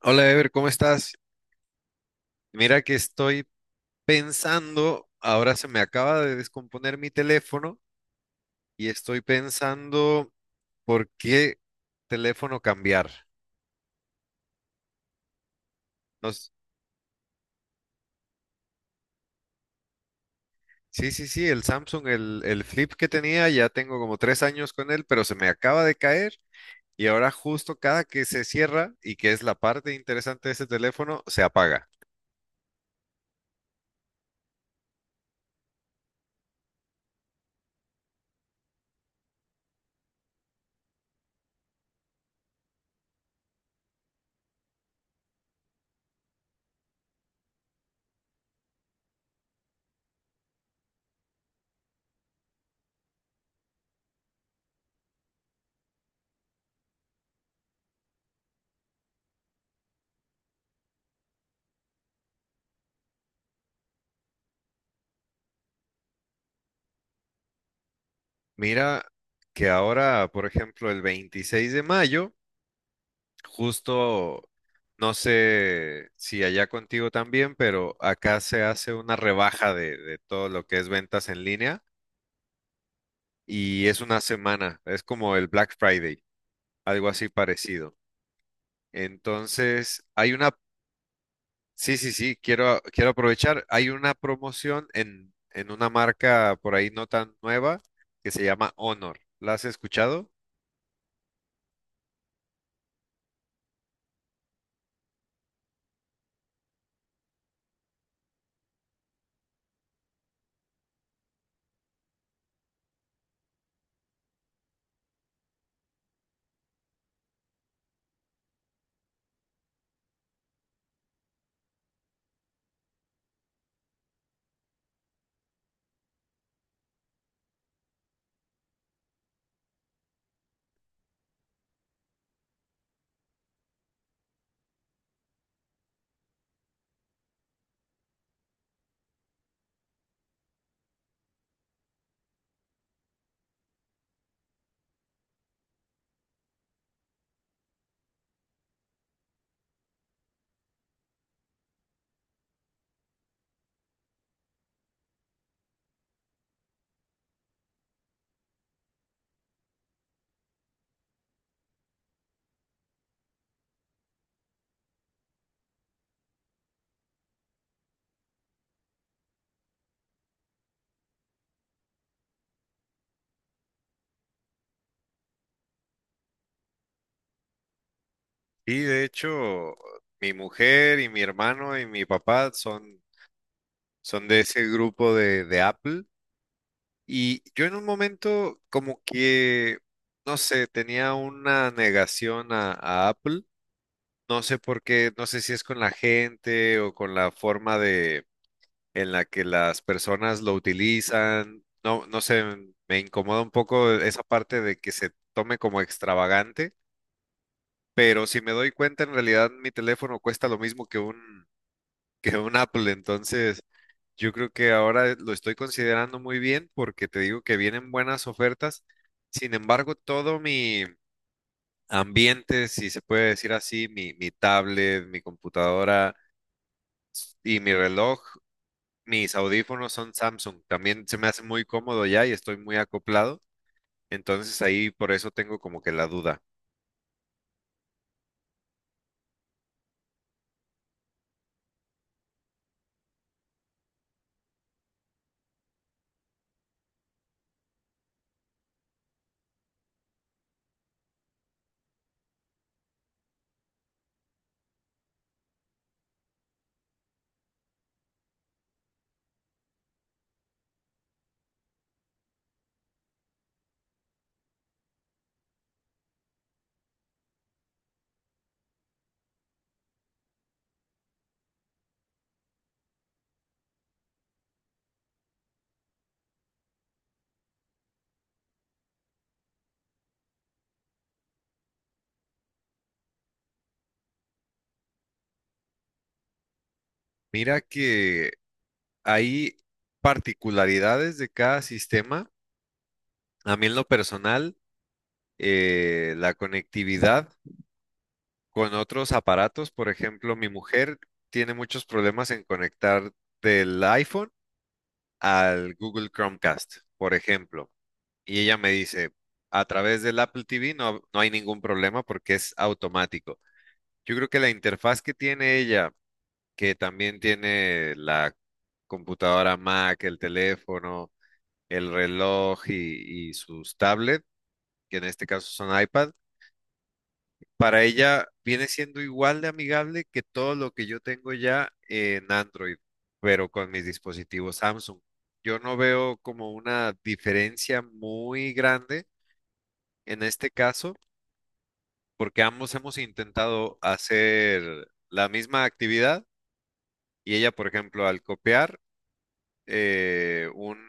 Hola Ever, ¿cómo estás? Mira que estoy pensando, ahora se me acaba de descomponer mi teléfono y estoy pensando por qué teléfono cambiar. No s- Sí, sí, sí, el Samsung, el Flip que tenía, ya tengo como tres años con él, pero se me acaba de caer y ahora justo cada que se cierra y que es la parte interesante de ese teléfono, se apaga. Mira que ahora, por ejemplo, el 26 de mayo. Justo, no sé si allá contigo también, pero acá se hace una rebaja de todo lo que es ventas en línea y es una semana, es como el Black Friday, algo así parecido. Entonces, hay una, sí, sí, sí, quiero, quiero aprovechar, hay una promoción en una marca por ahí no tan nueva que se llama Honor. ¿La has escuchado? Y de hecho, mi mujer y mi hermano y mi papá son son de ese grupo de Apple. Y yo en un momento como que, no sé, tenía una negación a Apple. No sé por qué, no sé si es con la gente o con la forma de en la que las personas lo utilizan. No, no sé, me incomoda un poco esa parte de que se tome como extravagante. Pero si me doy cuenta, en realidad mi teléfono cuesta lo mismo que un Apple. Entonces, yo creo que ahora lo estoy considerando muy bien porque te digo que vienen buenas ofertas. Sin embargo, todo mi ambiente, si se puede decir así, mi tablet, mi computadora y mi reloj, mis audífonos son Samsung. También se me hace muy cómodo ya y estoy muy acoplado. Entonces ahí por eso tengo como que la duda. Mira que hay particularidades de cada sistema. A mí en lo personal, la conectividad con otros aparatos. Por ejemplo, mi mujer tiene muchos problemas en conectar del iPhone al Google Chromecast, por ejemplo. Y ella me dice, a través del Apple TV no, no hay ningún problema porque es automático. Yo creo que la interfaz que tiene ella, que también tiene la computadora Mac, el teléfono, el reloj y sus tablets, que en este caso son iPad, para ella viene siendo igual de amigable que todo lo que yo tengo ya en Android, pero con mis dispositivos Samsung. Yo no veo como una diferencia muy grande en este caso, porque ambos hemos intentado hacer la misma actividad y ella, por ejemplo, al copiar un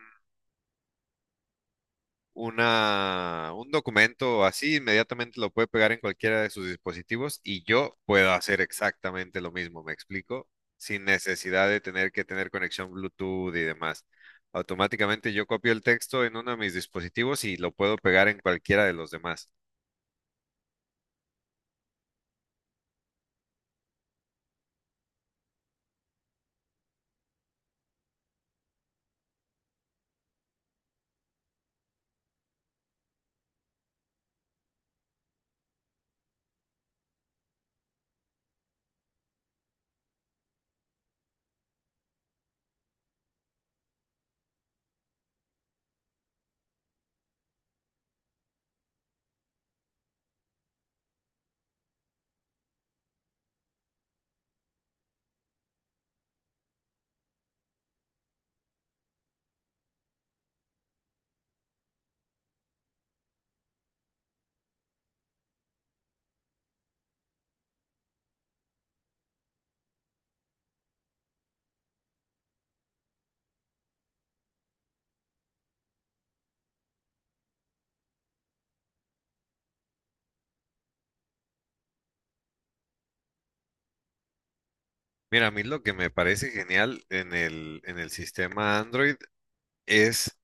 una, un documento así, inmediatamente lo puede pegar en cualquiera de sus dispositivos y yo puedo hacer exactamente lo mismo, ¿me explico? Sin necesidad de tener que tener conexión Bluetooth y demás. Automáticamente yo copio el texto en uno de mis dispositivos y lo puedo pegar en cualquiera de los demás. Mira, a mí lo que me parece genial en el sistema Android es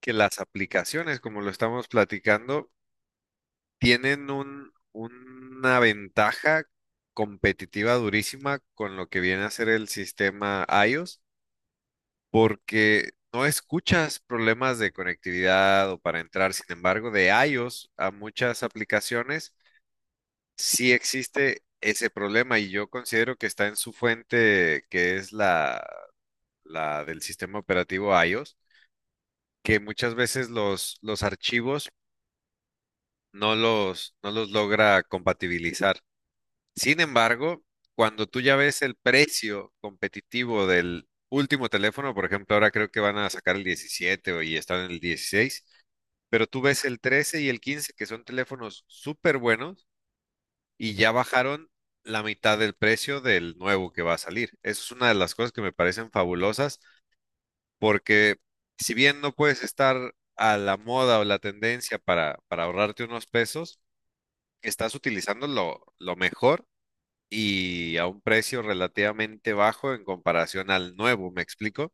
que las aplicaciones, como lo estamos platicando, tienen una ventaja competitiva durísima con lo que viene a ser el sistema iOS, porque no escuchas problemas de conectividad o para entrar. Sin embargo, de iOS a muchas aplicaciones sí existe ese problema y yo considero que está en su fuente, que es la del sistema operativo iOS, que muchas veces los archivos no los logra compatibilizar. Sin embargo, cuando tú ya ves el precio competitivo del último teléfono, por ejemplo, ahora creo que van a sacar el 17 y están en el 16, pero tú ves el 13 y el 15, que son teléfonos súper buenos, y ya bajaron la mitad del precio del nuevo que va a salir. Eso es una de las cosas que me parecen fabulosas, porque si bien no puedes estar a la moda o la tendencia para ahorrarte unos pesos, estás utilizando lo mejor y a un precio relativamente bajo en comparación al nuevo, ¿me explico?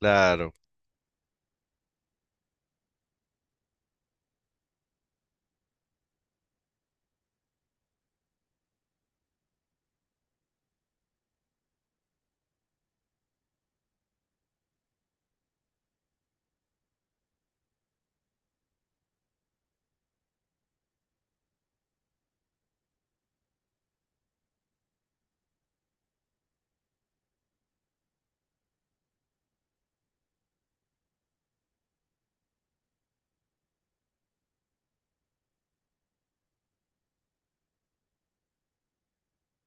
Claro,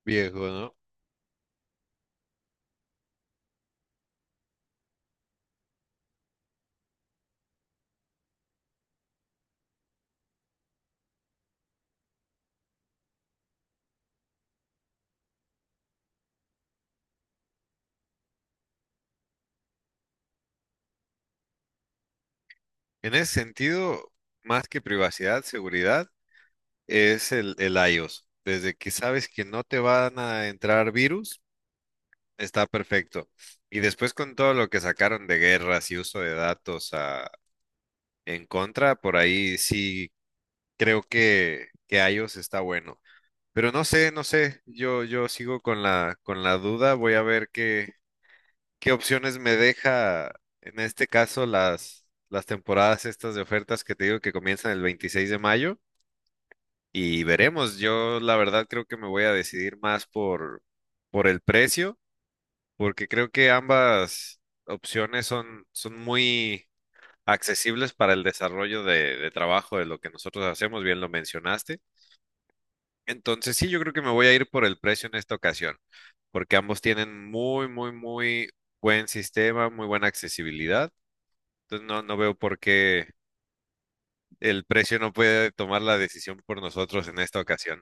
viejo, ¿no? En ese sentido, más que privacidad, seguridad, es el iOS. Desde que sabes que no te van a entrar virus, está perfecto. Y después con todo lo que sacaron de guerras y uso de datos ah, en contra, por ahí sí creo que iOS está bueno. Pero no sé, no sé, yo sigo con con la duda, voy a ver qué, ¿qué opciones me deja en este caso las temporadas estas de ofertas que te digo que comienzan el 26 de mayo? Y veremos, yo la verdad creo que me voy a decidir más por el precio, porque creo que ambas opciones son, son muy accesibles para el desarrollo de trabajo de lo que nosotros hacemos, bien lo mencionaste. Entonces sí, yo creo que me voy a ir por el precio en esta ocasión, porque ambos tienen muy, muy, muy buen sistema, muy buena accesibilidad. Entonces no, no veo por qué el precio no puede tomar la decisión por nosotros en esta ocasión.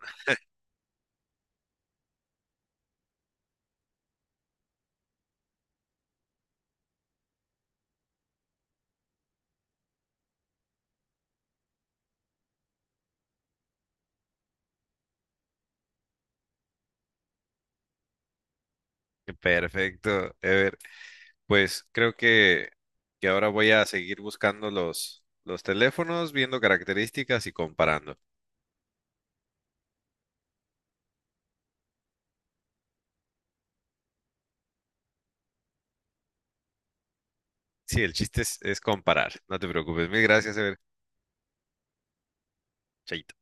Perfecto, Ever. Pues creo que ahora voy a seguir buscando los teléfonos, viendo características y comparando. Sí, el chiste es comparar. No te preocupes. Mil gracias, Ever. Chaito.